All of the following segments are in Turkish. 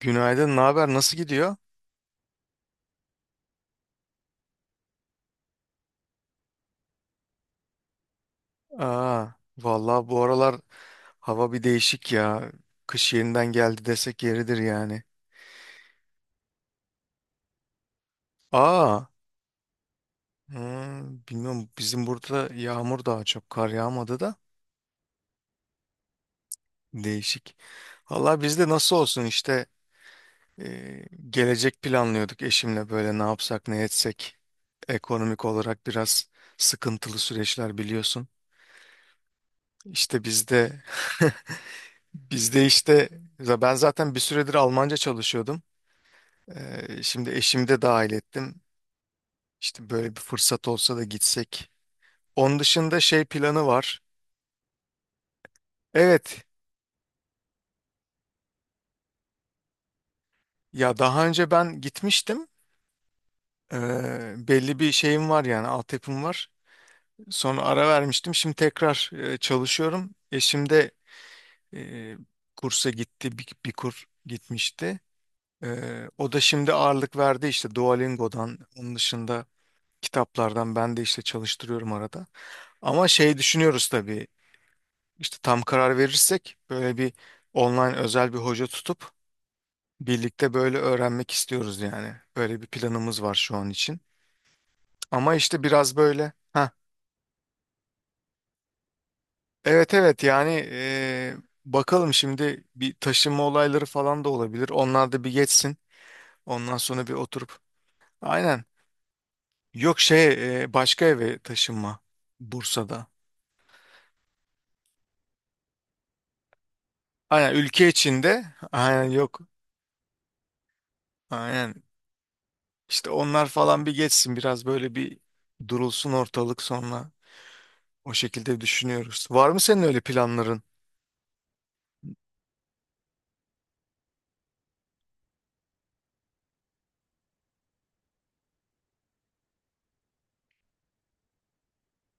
Günaydın, ne haber? Nasıl gidiyor? Aa, Vallahi bu aralar hava bir değişik ya. Kış yeniden geldi desek yeridir yani. Aa, Bilmiyorum, bizim burada yağmur, daha çok kar yağmadı da değişik. Vallahi bizde nasıl olsun işte gelecek planlıyorduk eşimle, böyle ne yapsak ne etsek. Ekonomik olarak biraz sıkıntılı süreçler, biliyorsun. İşte bizde bizde işte ben zaten bir süredir Almanca çalışıyordum. Şimdi eşimi de dahil ettim. İşte böyle bir fırsat olsa da gitsek. Onun dışında şey planı var. Evet, ya daha önce ben gitmiştim. Belli bir şeyim var, yani altyapım var. Sonra ara vermiştim. Şimdi tekrar çalışıyorum. Eşim de e, kursa gitti, bir kur gitmişti. O da şimdi ağırlık verdi işte Duolingo'dan. Onun dışında kitaplardan ben de işte çalıştırıyorum arada. Ama şey düşünüyoruz tabii. İşte tam karar verirsek böyle bir online özel bir hoca tutup birlikte böyle öğrenmek istiyoruz yani. Böyle bir planımız var şu an için. Ama işte biraz böyle ha, evet evet yani bakalım, şimdi bir taşınma olayları falan da olabilir. Onlar da bir geçsin. Ondan sonra bir oturup aynen, yok şey, başka eve taşınma, Bursa'da. Aynen, ülke içinde, aynen yok, aynen işte onlar falan bir geçsin, biraz böyle bir durulsun ortalık sonra. O şekilde düşünüyoruz. Var mı senin öyle planların?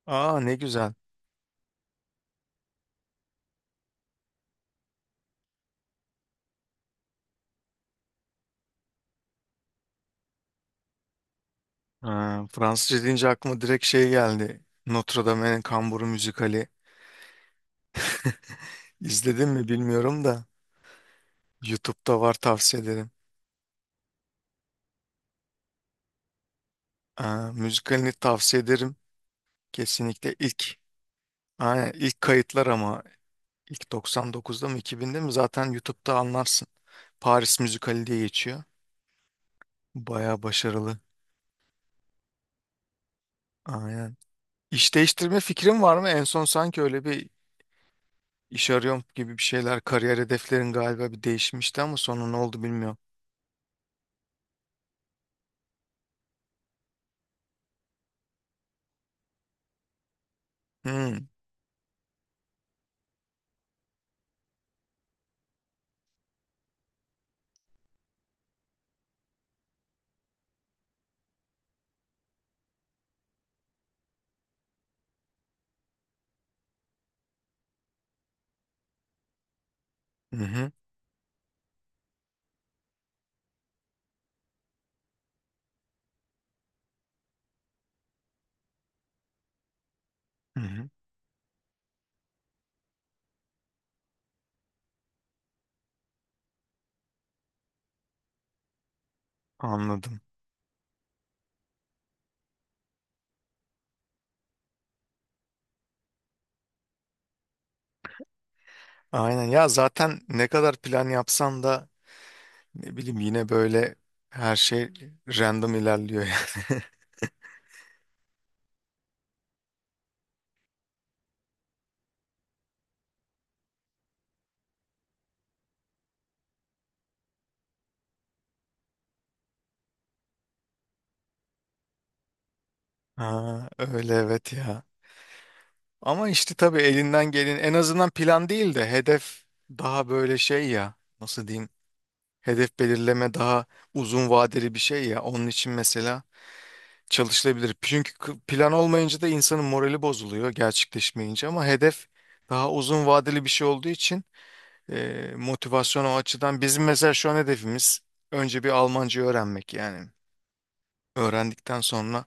Aa, ne güzel. Ha, Fransızca deyince aklıma direkt şey geldi. Notre Dame'in Kamburu müzikali. İzledin mi bilmiyorum da. YouTube'da var, tavsiye ederim. Aa, müzikalini tavsiye ederim. Kesinlikle ilk. Aynen, ilk kayıtlar ama ilk 99'da mı 2000'de mi, zaten YouTube'da anlarsın. Paris müzikali diye geçiyor. Baya başarılı. Aynen. İş değiştirme fikrin var mı? En son sanki öyle bir İş arıyorum gibi bir şeyler. Kariyer hedeflerin galiba bir değişmişti ama sonra ne oldu bilmiyorum. Hmm, hı hı. Hı hı. Anladım. Aynen ya, zaten ne kadar plan yapsan da ne bileyim, yine böyle her şey random ilerliyor yani. Ha, öyle evet ya. Ama işte tabii elinden gelin en azından plan değil de hedef, daha böyle şey ya, nasıl diyeyim, hedef belirleme daha uzun vadeli bir şey ya. Onun için mesela çalışılabilir. Çünkü plan olmayınca da insanın morali bozuluyor gerçekleşmeyince, ama hedef daha uzun vadeli bir şey olduğu için motivasyon o açıdan, bizim mesela şu an hedefimiz önce bir Almanca öğrenmek yani. Öğrendikten sonra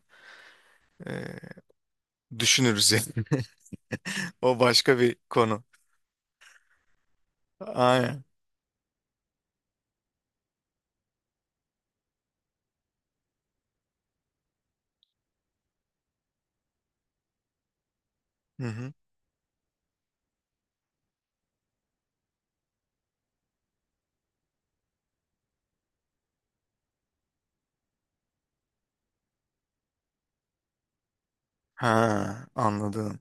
e, düşünürüz yani. O başka bir konu. Aynen. Hı hı. Ha, anladım.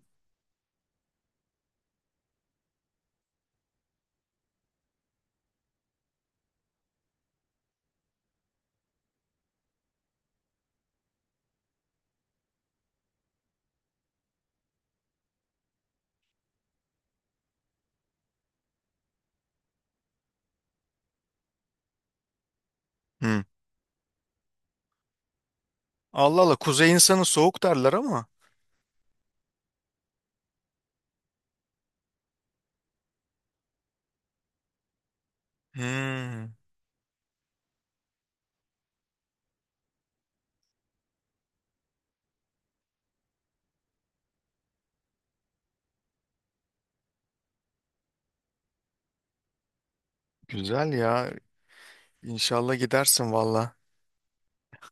Hı. Allah Allah, kuzey insanı soğuk derler ama. Hı. Güzel ya. İnşallah gidersin valla.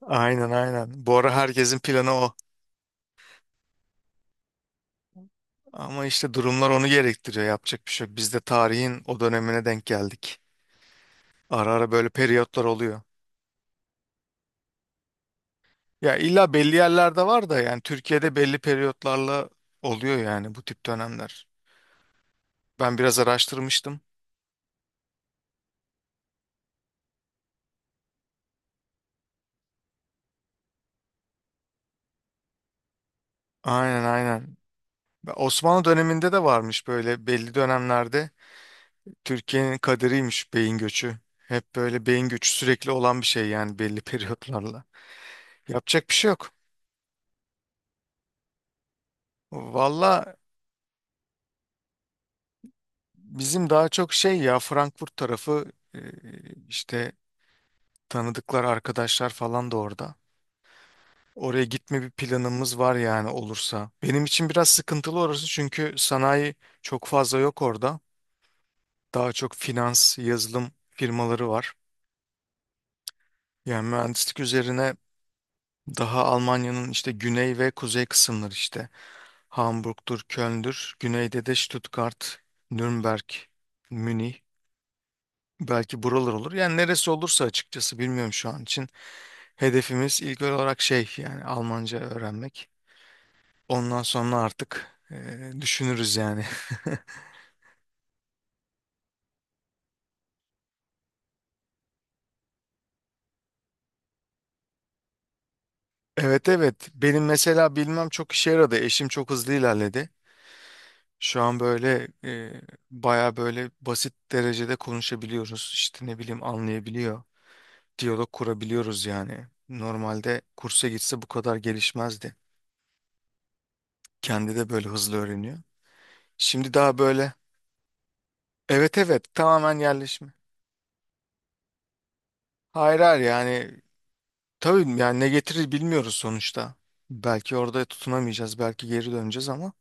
Aynen aynen. Bu ara herkesin planı o. Ama işte durumlar onu gerektiriyor. Yapacak bir şey yok. Biz de tarihin o dönemine denk geldik. Ara ara böyle periyotlar oluyor. Ya illa belli yerlerde var da, yani Türkiye'de belli periyotlarla oluyor yani bu tip dönemler. Ben biraz araştırmıştım. Aynen aynen. Osmanlı döneminde de varmış böyle belli dönemlerde, Türkiye'nin kaderiymiş beyin göçü. Hep böyle beyin göçü, sürekli olan bir şey yani belli periyotlarla. Yapacak bir şey yok. Valla, bizim daha çok şey ya, Frankfurt tarafı, işte tanıdıklar, arkadaşlar falan da orada. Oraya gitme bir planımız var yani olursa. Benim için biraz sıkıntılı orası çünkü sanayi çok fazla yok orada. Daha çok finans, yazılım firmaları var. Yani mühendislik üzerine daha Almanya'nın işte güney ve kuzey kısımları işte. Hamburg'dur, Köln'dür. Güneyde de Stuttgart, Nürnberg, Münih. Belki buralar olur. Yani neresi olursa açıkçası bilmiyorum şu an için. Hedefimiz ilk olarak şey yani Almanca öğrenmek. Ondan sonra artık düşünürüz yani. Evet evet, benim mesela bilmem çok işe yaradı. Eşim çok hızlı ilerledi. Şu an böyle baya böyle basit derecede konuşabiliyoruz. İşte ne bileyim, anlayabiliyor. Diyalog kurabiliyoruz yani. Normalde kursa gitse bu kadar gelişmezdi. Kendi de böyle hızlı öğreniyor. Şimdi daha böyle evet evet, tamamen yerleşme. Hayır hayır, yani tabii yani ne getirir bilmiyoruz sonuçta. Belki orada tutunamayacağız, belki geri döneceğiz ama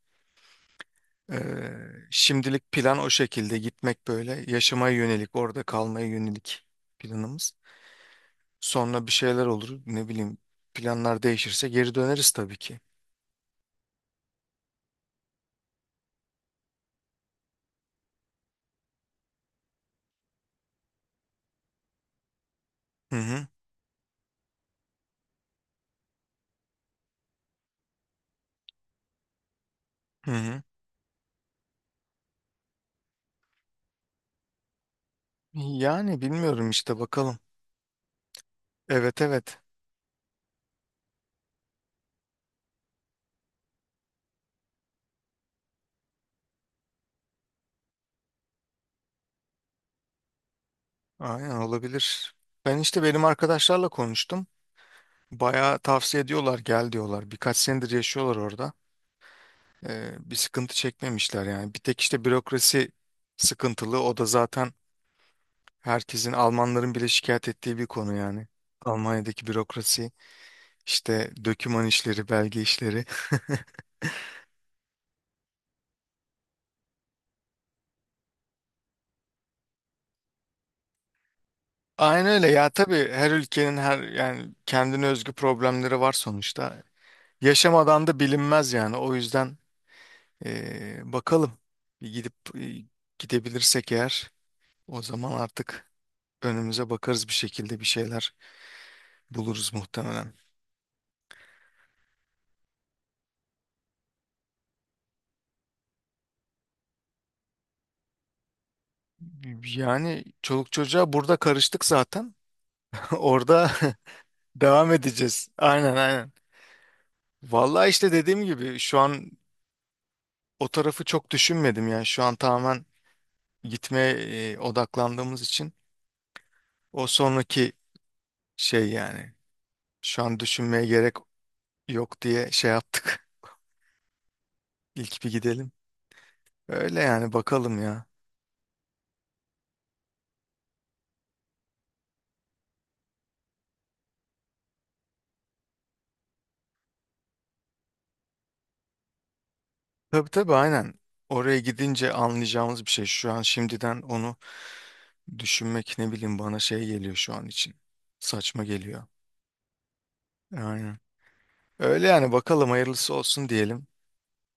şimdilik plan o şekilde, gitmek böyle yaşamaya yönelik, orada kalmaya yönelik planımız. Sonra bir şeyler olur, ne bileyim, planlar değişirse geri döneriz tabii ki. Hı hı, hı hı. Yani bilmiyorum işte, bakalım. Evet evet, aynen olabilir. Ben işte benim arkadaşlarla konuştum. Bayağı tavsiye ediyorlar, gel diyorlar. Birkaç senedir yaşıyorlar orada. Bir sıkıntı çekmemişler yani. Bir tek işte bürokrasi sıkıntılı. O da zaten herkesin, Almanların bile şikayet ettiği bir konu yani. Almanya'daki bürokrasi, işte döküman işleri, belge işleri. Aynen öyle ya, tabii her ülkenin her yani kendine özgü problemleri var sonuçta. Yaşamadan da bilinmez yani. O yüzden bakalım. Bir gidip gidebilirsek eğer, o zaman artık önümüze bakarız bir şekilde, bir şeyler buluruz muhtemelen. Yani çoluk çocuğa burada karıştık zaten. Orada devam edeceğiz. Aynen aynen. Vallahi işte dediğim gibi şu an o tarafı çok düşünmedim yani. Şu an tamamen gitmeye odaklandığımız için o sonraki şey yani. Şu an düşünmeye gerek yok diye şey yaptık. İlk bir gidelim. Öyle yani bakalım ya. Tabii tabii aynen. Oraya gidince anlayacağımız bir şey. Şu an şimdiden onu düşünmek, ne bileyim, bana şey geliyor şu an için. Saçma geliyor. Aynen. Öyle yani bakalım, hayırlısı olsun diyelim.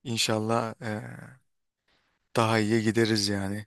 İnşallah daha iyiye gideriz yani.